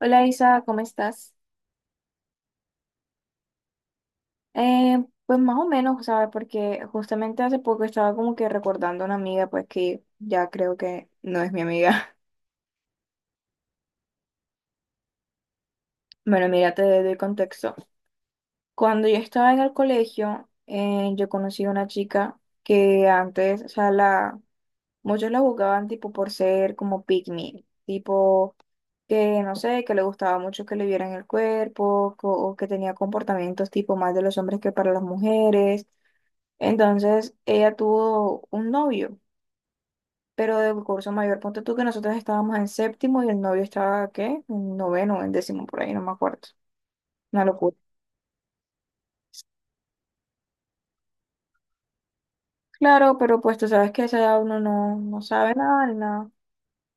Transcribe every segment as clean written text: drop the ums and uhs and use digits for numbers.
Hola Isa, ¿cómo estás? Pues más o menos, ¿sabes? Porque justamente hace poco estaba como que recordando a una amiga, pues que ya creo que no es mi amiga. Bueno, mira, te doy el contexto. Cuando yo estaba en el colegio, yo conocí a una chica que antes, o sea, la, muchos la juzgaban tipo por ser como pick me, tipo que no sé, que le gustaba mucho que le vieran el cuerpo o que tenía comportamientos tipo más de los hombres que para las mujeres. Entonces ella tuvo un novio, pero del curso mayor. Ponte tú que nosotros estábamos en séptimo y el novio estaba, ¿qué? En noveno, en décimo, por ahí, no me acuerdo. Una locura. Claro, pero pues tú sabes que a esa edad uno no sabe nada ni nada.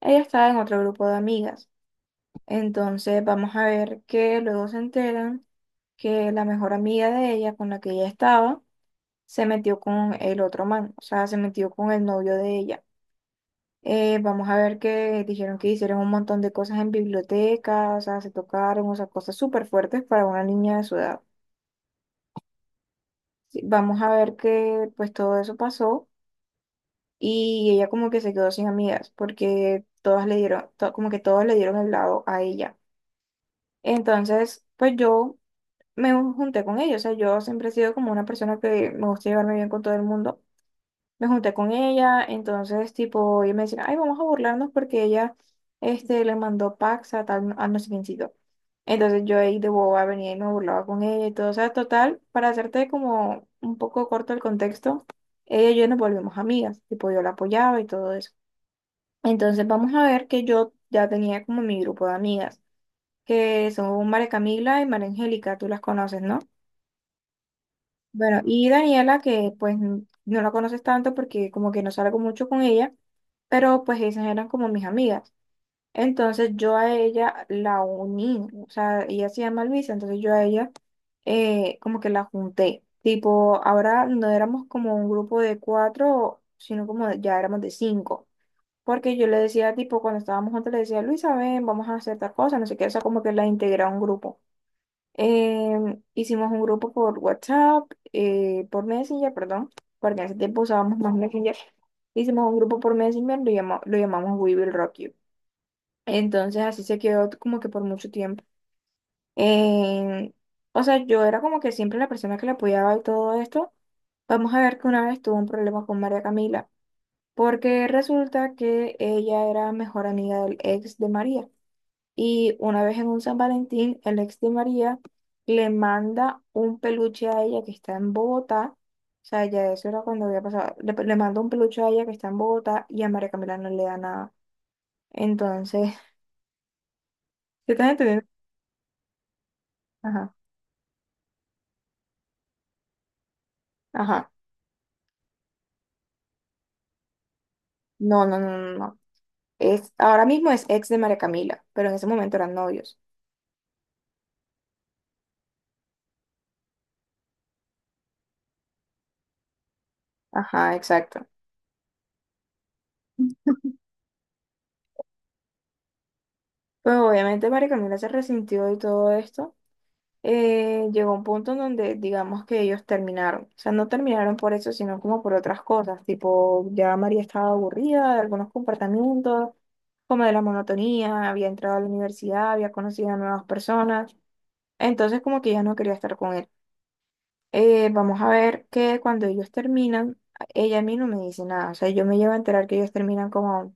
Ella estaba en otro grupo de amigas. Entonces vamos a ver que luego se enteran que la mejor amiga de ella con la que ella estaba se metió con el otro man, o sea, se metió con el novio de ella. Vamos a ver que dijeron que hicieron un montón de cosas en bibliotecas, o sea, se tocaron, o sea, cosas súper fuertes para una niña de su edad. Sí, vamos a ver que pues todo eso pasó y ella como que se quedó sin amigas porque todas le dieron, como que todos le dieron el lado a ella. Entonces, pues yo me junté con ellos, o sea, yo siempre he sido como una persona que me gusta llevarme bien con todo el mundo. Me junté con ella, entonces tipo, ella me decía, ay, vamos a burlarnos porque ella le mandó packs a tal, a no sé quiéncito. Entonces yo ahí de boba venía y me burlaba con ella y todo, o sea, total, para hacerte como un poco corto el contexto, ella y yo nos volvimos amigas, tipo yo la apoyaba y todo eso. Entonces vamos a ver que yo ya tenía como mi grupo de amigas, que son María Camila y María Angélica, tú las conoces, ¿no? Bueno, y Daniela, que pues no la conoces tanto porque como que no salgo mucho con ella, pero pues esas eran como mis amigas. Entonces yo a ella la uní, o sea, ella se llama Luisa, entonces yo a ella como que la junté. Tipo, ahora no éramos como un grupo de cuatro, sino ya éramos de cinco. Porque yo le decía, tipo, cuando estábamos juntos, le decía, Luisa, ven, vamos a hacer tal cosa, no sé qué, o sea, como que la integré a un grupo. Hicimos un grupo por WhatsApp, por Messenger, perdón, porque en ese tiempo usábamos más Messenger. Hicimos un grupo por Messenger, lo llamamos We Will Rock You. Entonces así se quedó como que por mucho tiempo. Em, o sea, yo era como que siempre la persona que la apoyaba y todo esto. Vamos a ver que una vez tuvo un problema con María Camila, porque resulta que ella era mejor amiga del ex de María. Y una vez en un San Valentín, el ex de María le manda un peluche a ella que está en Bogotá. O sea, ya eso era cuando había pasado. Le manda un peluche a ella que está en Bogotá y a María Camila no le da nada. Entonces, ¿te estás entendiendo? Ajá, ajá. No, no, no, no, no. Es, ahora mismo es ex de María Camila, pero en ese momento eran novios. Ajá, exacto. Pues obviamente María Camila se resintió y todo esto. Llegó un punto en donde digamos que ellos terminaron. O sea, no terminaron por eso, sino como por otras cosas. Tipo, ya María estaba aburrida de algunos comportamientos, como de la monotonía, había entrado a la universidad, había conocido a nuevas personas. Entonces como que ya no quería estar con él. Vamos a ver que cuando ellos terminan, ella a mí no me dice nada. O sea, yo me llevo a enterar que ellos terminan como,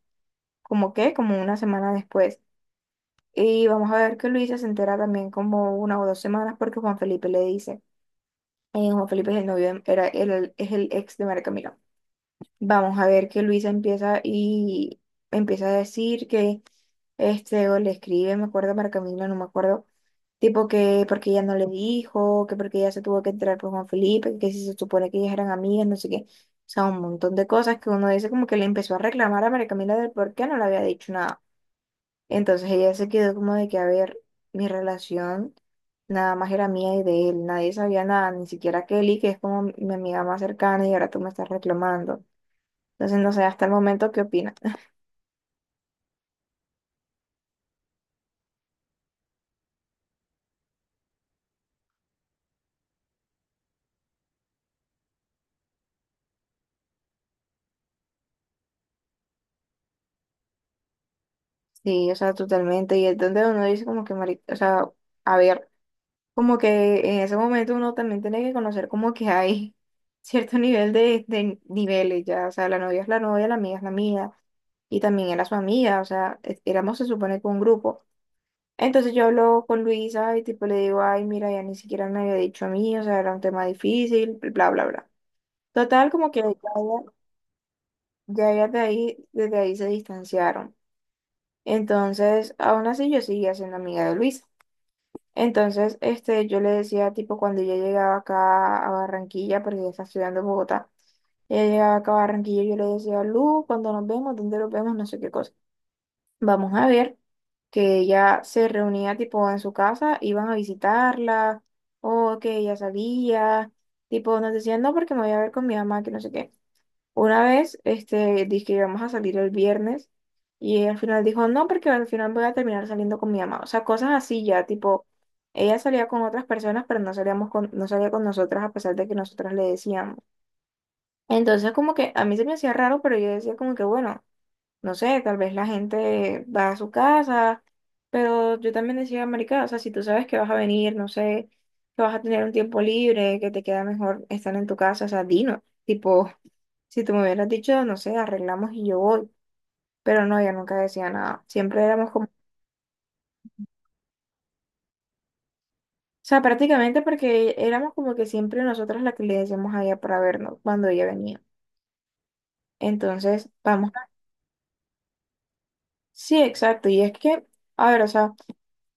como qué, como una semana después. Y vamos a ver que Luisa se entera también como una o dos semanas porque Juan Felipe le dice. Juan Felipe es el novio, era, es el ex de María Camila. Vamos a ver que Luisa empieza y empieza a decir que o le escribe, me acuerdo, María Camila, no me acuerdo, tipo que porque ella no le dijo, que porque ella se tuvo que entrar por Juan Felipe, que si se supone que ellas eran amigas, no sé qué. O sea, un montón de cosas que uno dice como que le empezó a reclamar a María Camila del por qué no le había dicho nada. Entonces ella se quedó como de que, a ver, mi relación nada más era mía y de él, nadie sabía nada, ni siquiera Kelly, que es como mi amiga más cercana y ahora tú me estás reclamando. Entonces, no sé, hasta el momento, ¿qué opinas? Sí, o sea, totalmente. Y es donde uno dice como que, o sea, a ver, como que en ese momento uno también tiene que conocer como que hay cierto nivel de niveles ya, o sea, la novia es la novia, la amiga es la amiga, y también era su amiga, o sea, éramos se supone que un grupo. Entonces yo hablo con Luisa y tipo le digo, ay, mira, ya ni siquiera me había dicho a mí, o sea, era un tema difícil, bla, bla, bla. Total, como que ya, ella- ya ellas de ahí, desde ahí se distanciaron. Entonces, aún así yo seguía siendo amiga de Luisa. Entonces, yo le decía, tipo, cuando ella llegaba acá a Barranquilla, porque ella está estudiando en Bogotá, ella llegaba acá a Barranquilla, yo le decía, Lu, cuando nos vemos, ¿dónde nos vemos? No sé qué cosa. Vamos a ver que ella se reunía tipo en su casa, iban a visitarla, o que ella sabía, tipo nos decían no porque me voy a ver con mi mamá, que no sé qué. Una vez, dije que íbamos a salir el viernes y ella al final dijo no porque al final voy a terminar saliendo con mi mamá. O sea, cosas así ya, tipo, ella salía con otras personas, pero no salíamos no salía con nosotras a pesar de que nosotras le decíamos. Entonces como que a mí se me hacía raro, pero yo decía como que bueno, no sé, tal vez la gente va a su casa, pero yo también decía, marica, o sea, si tú sabes que vas a venir, no sé, que vas a tener un tiempo libre, que te queda mejor estar en tu casa, o sea, dino, tipo, si tú me hubieras dicho, no sé, arreglamos y yo voy, pero no, ella nunca decía nada, siempre éramos como, o sea, prácticamente porque éramos como que siempre nosotras las que le decíamos a ella para vernos cuando ella venía. Entonces, vamos. Sí, exacto. Y es que, a ver, o sea,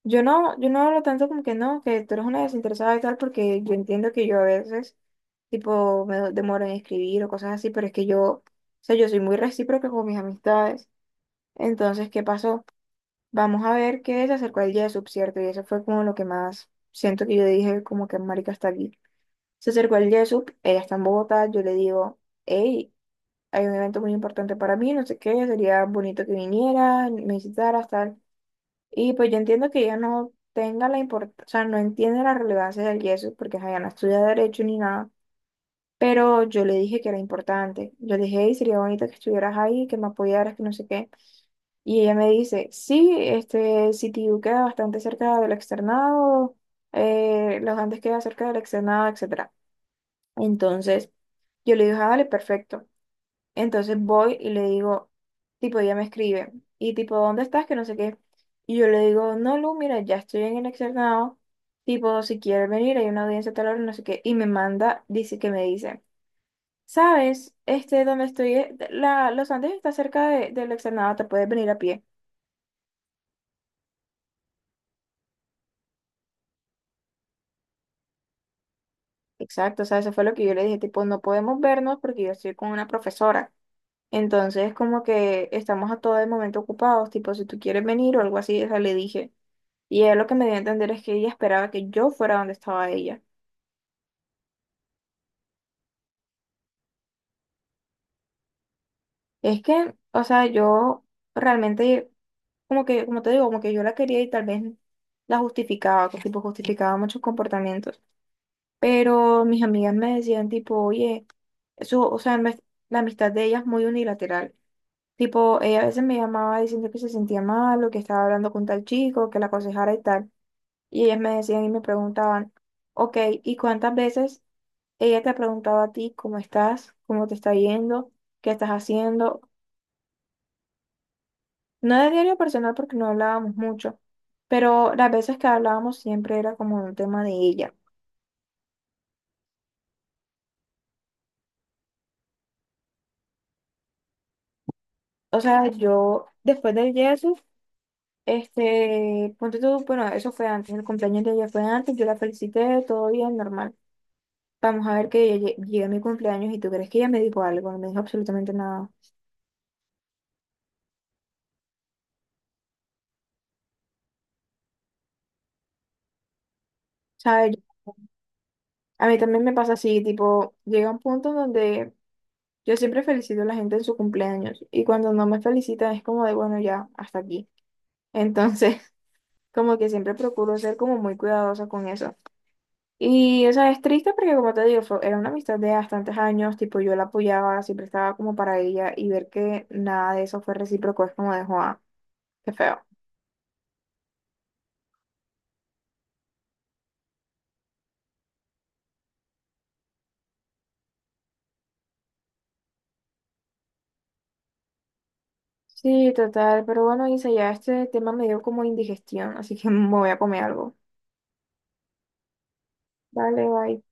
Yo no hablo tanto como que no, que tú eres una desinteresada y tal, porque yo entiendo que yo a veces, tipo, demoro en escribir o cosas así, pero es que yo, o sea, yo soy muy recíproca con mis amistades. Entonces, ¿qué pasó? Vamos a ver qué se acercó el día de sub, ¿cierto? Y eso fue como lo que más siento que yo dije, como que marica está aquí. Se acercó el día de sub, ella está en Bogotá, yo le digo, hey, hay un evento muy importante para mí, no sé qué, sería bonito que vinieras, me visitaras, tal. Y pues yo entiendo que ella no tenga la importancia, o sea, no entiende la relevancia del yeso porque ajá, ella no estudia derecho ni nada, pero yo le dije que era importante. Yo le dije, "Ey, sería bonito que estuvieras ahí, que me apoyaras, que no sé qué". Y ella me dice, sí, este CTU queda bastante cerca del externado, los Andes queda cerca del externado, etcétera. Entonces yo le dije, ah, vale, perfecto. Entonces voy y le digo, tipo, ella me escribe, y tipo, ¿dónde estás? Que no sé qué. Y yo le digo, no, Lu, mira, ya estoy en el externado, tipo, si quieres venir, hay una audiencia a tal hora, no sé qué. Y me manda, dice que me dice, ¿sabes? Donde estoy, Los Andes está cerca del externado, te puedes venir a pie. Exacto, o sea, eso fue lo que yo le dije, tipo, no podemos vernos porque yo estoy con una profesora. Entonces, como que estamos a todo el momento ocupados, tipo, si tú quieres venir o algo así, o sea, le dije. Y él lo que me dio a entender es que ella esperaba que yo fuera donde estaba ella. Es que, o sea, yo realmente, como que, como te digo, como que yo la quería y tal vez la justificaba, tipo, justificaba muchos comportamientos. Pero mis amigas me decían, tipo, oye, eso, o sea, la amistad de ella es muy unilateral. Tipo, ella a veces me llamaba diciendo que se sentía mal o que estaba hablando con tal chico, que la aconsejara y tal. Y ellas me decían y me preguntaban, ok, ¿y cuántas veces ella te ha preguntado a ti cómo estás, cómo te está yendo, qué estás haciendo? No de diario personal porque no hablábamos mucho, pero las veces que hablábamos siempre era como un tema de ella. O sea, yo después del Jesús, ponte tú, bueno, eso fue antes, el cumpleaños de ella fue antes, yo la felicité, todo bien, normal. Vamos a ver que ella llegue a mi cumpleaños y tú crees que ella me dijo algo, no me dijo absolutamente nada. ¿Sabes? A mí también me pasa así, tipo, llega un punto donde yo siempre felicito a la gente en su cumpleaños y cuando no me felicitan es como de, bueno, ya, hasta aquí. Entonces, como que siempre procuro ser como muy cuidadosa con eso. Y, o sea, es triste porque, como te digo, era una amistad de bastantes años, tipo, yo la apoyaba, siempre estaba como para ella y ver que nada de eso fue recíproco es como de, Juan, qué feo. Sí, total, pero bueno, Isa, ya este tema me dio como indigestión, así que me voy a comer algo. Dale, bye.